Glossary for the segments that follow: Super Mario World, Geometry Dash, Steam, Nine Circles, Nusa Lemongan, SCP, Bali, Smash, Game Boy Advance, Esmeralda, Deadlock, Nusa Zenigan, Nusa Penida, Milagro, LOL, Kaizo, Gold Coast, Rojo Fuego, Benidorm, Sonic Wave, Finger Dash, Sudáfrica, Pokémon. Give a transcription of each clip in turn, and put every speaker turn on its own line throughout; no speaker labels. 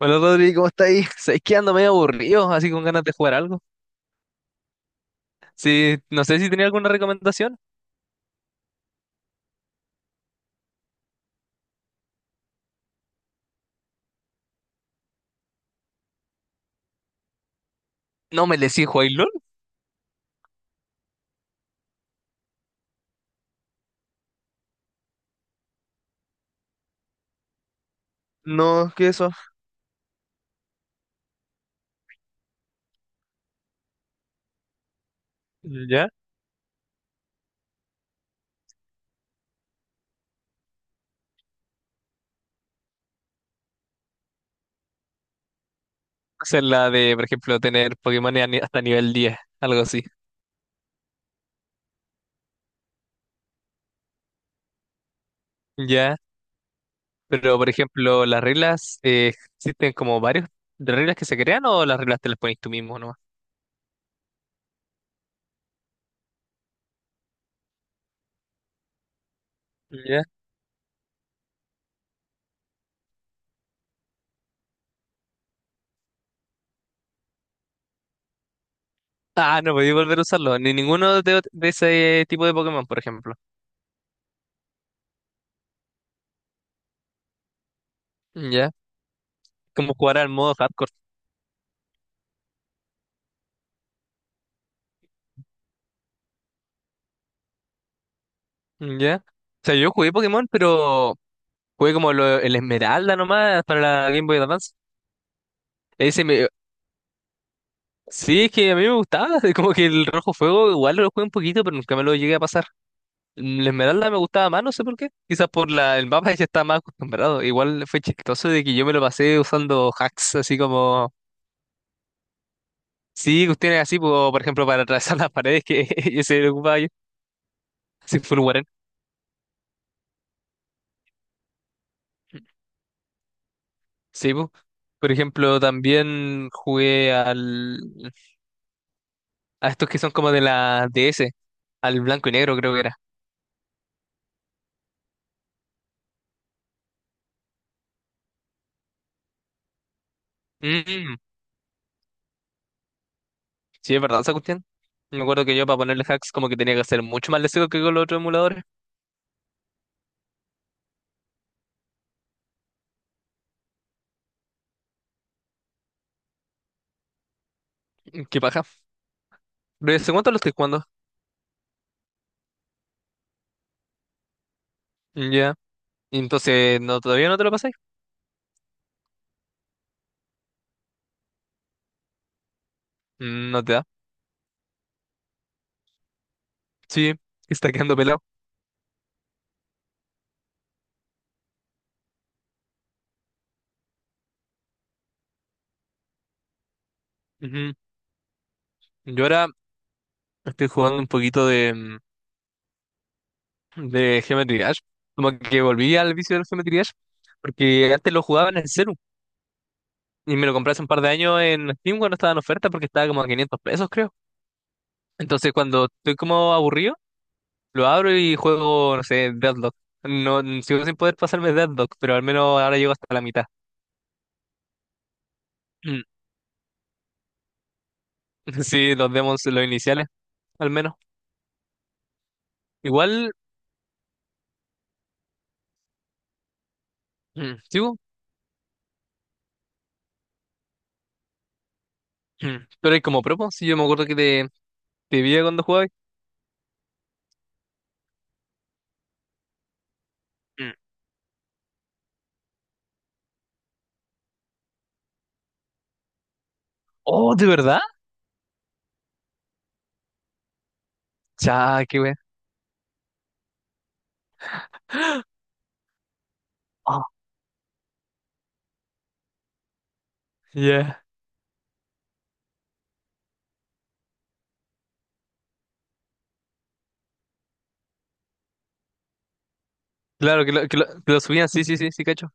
Hola Rodri, ¿cómo está ahí? Sabes que ando medio aburrido, así con ganas de jugar algo. Sí, no sé si tenía alguna recomendación. No me decís jugáis LOL. No, ¿qué es eso? Ya. Hacer la de, por ejemplo, tener Pokémon a hasta nivel 10, algo así. Ya. Pero, por ejemplo, las reglas, existen como varios de reglas que se crean o las reglas te las pones tú mismo nomás. Ya. Ah, no podía volver a usarlo, ni ninguno de, de ese tipo de Pokémon, por ejemplo. Ya. Como jugar al modo hardcore. Ya. O sea, yo jugué Pokémon, pero jugué como el Esmeralda nomás para la Game Boy Advance. Ese me- Sí, es que a mí me gustaba. Como que el Rojo Fuego igual lo jugué un poquito, pero nunca me lo llegué a pasar. El Esmeralda me gustaba más, no sé por qué. Quizás por la el mapa ya estaba más acostumbrado. Igual fue chistoso de que yo me lo pasé usando hacks, así como. Sí, cuestiones así, po, por ejemplo, para atravesar las paredes que ese lo ocupaba yo. Sí, fue un guarén. Sí, po. Por ejemplo, también jugué al a estos que son como de la DS, al blanco y negro creo que era. Mm, sí, es verdad esa cuestión. Me acuerdo que yo para ponerle hacks como que tenía que hacer mucho más lesivo que con los otros emuladores. Mm, qué paja. Pero ¿hace cuánto lo estoy jugando? Mm, ya. Y entonces, no, todavía no te lo pasé. Mm, no te da. Sí, está quedando pelado. Ujú. Yo ahora estoy jugando un poquito de, de Geometry Dash. Como que volví al vicio del Geometry Dash. Porque antes lo jugaba en el celu. Y me lo compré hace un par de años en Steam cuando estaba en oferta porque estaba como a 500 pesos, creo. Entonces, cuando estoy como aburrido, lo abro y juego, no sé, Deadlock. No, sigo sin poder pasarme Deadlock, pero al menos ahora llego hasta la mitad. Mm. Sí, los demos, los iniciales, al menos. Igual, sigo. Mm. Pero hay como propo, si yo me acuerdo que te vi cuando jugabas. Mm. Oh, ¿de verdad? Cha, qué wea. Oh, yeah. Claro, que lo subían, sí, sí, sí, sí, cacho.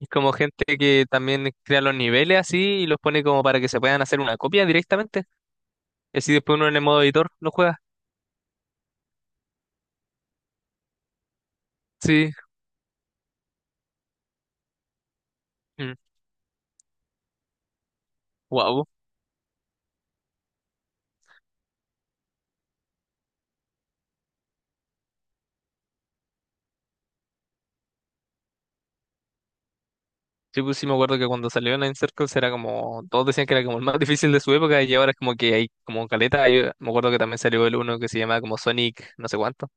Es como gente que también crea los niveles así y los pone como para que se puedan hacer una copia directamente. Y así después uno en el modo editor lo juega. Sí. Wow. Sí, pues sí me acuerdo que cuando salió Nine Circles era como, todos decían que era como el más difícil de su época y ahora es como que hay como caleta. Yo me acuerdo que también salió el uno que se llamaba como Sonic, no sé cuánto,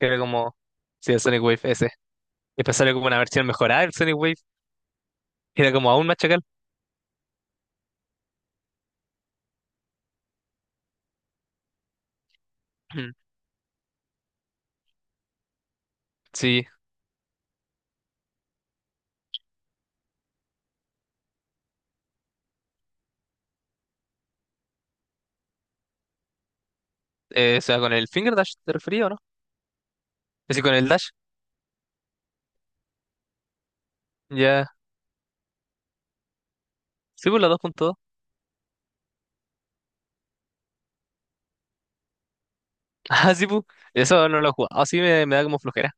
que era como, sí, el Sonic Wave ese. Y después salió como una versión mejorada del Sonic Wave, que era como aún más chacal. Sí, o sea, con el Finger Dash te refería, ¿o no? Así con el Dash, ya. Sí, pues la 2.2. Ah, sí, pues, eso no lo he jugado, sí me da como flojera.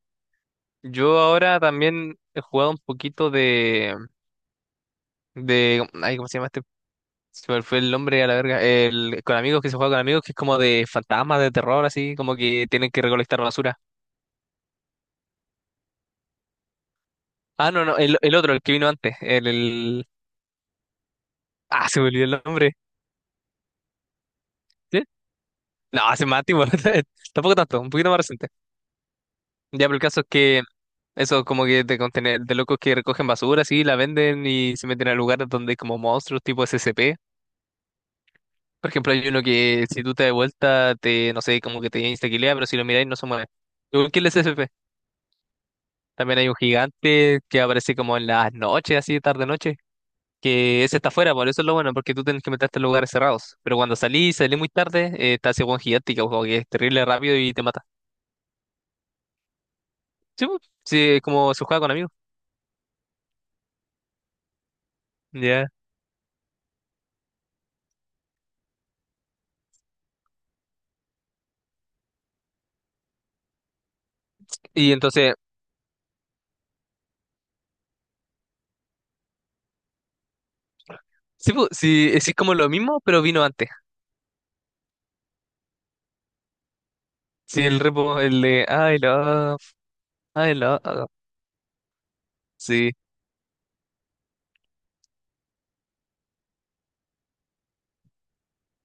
Yo ahora también he jugado un poquito de ay, ¿cómo se llama este? Se me fue el nombre a la verga. Con amigos que se juega con amigos, que es como de fantasmas, de terror, así, como que tienen que recolectar basura. Ah, no, no, el otro, el que vino antes. Ah, se me olvidó el nombre. ¿Sí? No, hace más tiempo. Tampoco tanto, un poquito más reciente. Ya, pero el caso es que eso como que de contener, de locos que recogen basura, así, la venden y se meten a lugares donde hay como monstruos tipo SCP. Por ejemplo, hay uno que si tú te das vuelta, te, no sé, como que te insta, pero si lo miráis no se mueve. Igual que el SCP. También hay un gigante que aparece como en las noches, así tarde noche, que ese está afuera, por eso es lo bueno, porque tú tienes que meterte en lugares cerrados. Pero cuando salís, salís muy tarde, está ese buen gigante que, como que es terrible rápido y te mata. Sí, pues, sí, es como se juega con amigos. Ya. Y entonces, sí, pues, sí, es como lo mismo, pero vino antes. Sí, el repo, el de I love, I love. Sí.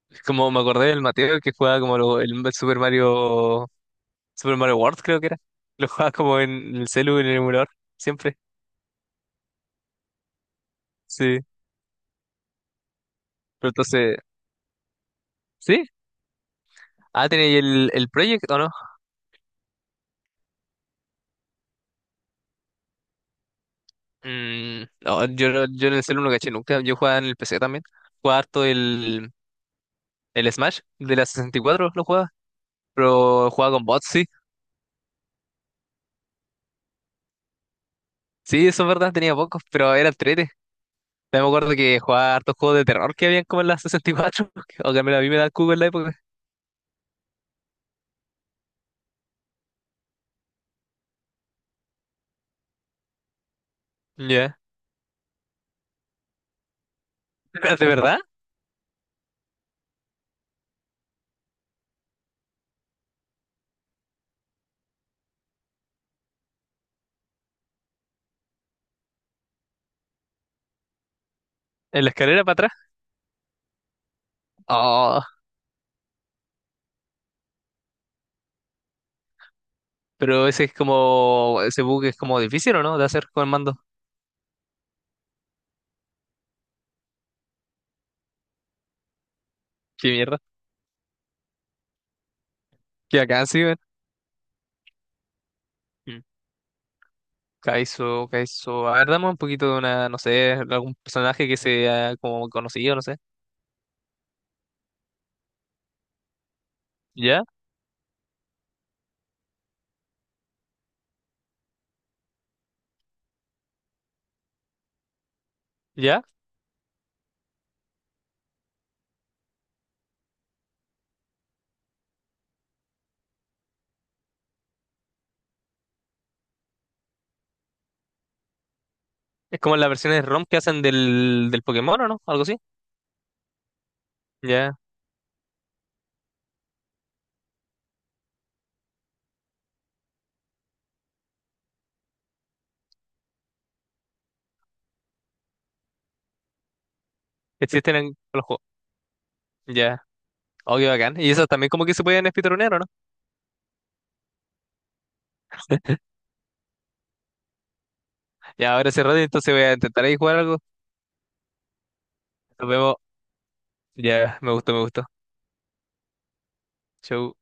Es como me acordé del Mateo que jugaba como el Super Mario, Super Mario World creo que era. Lo jugaba como en el celu, en el emulador, siempre. Sí. Pero entonces, ¿sí? Ah, ¿tenéis el Project o no? Mm, no, yo, yo en el celular no caché nunca. Yo jugaba en el PC también. Jugaba harto el Smash de la 64 lo jugaba. Pero jugaba con bots, sí. Sí, eso es verdad, tenía pocos, pero era trete. También me acuerdo que jugaba hartos juegos de terror que habían como en la 64. O que a mí me da el cubo en la época. Ya. Pero, ¿de verdad? ¿En la escalera para atrás? Oh, pero ese es como. Ese bug es como difícil, ¿o no? De hacer con el mando. Qué mierda. Qué acá sí, weón. Kaizo, Kaizo. A ver, dame un poquito de una, no sé, algún personaje que sea como conocido, no sé. ¿Ya? ¿Ya? Es como las versiones ROM que hacen del Pokémon, ¿o no? Algo así. Ya. Existen en los juegos. Ya. Oh, qué bacán. Y eso también como que se pueden speedronear, ¿o no? Ya, ahora cerrado, entonces voy a intentar ahí jugar algo. Nos vemos. Ya, me gustó, me gustó. Chau.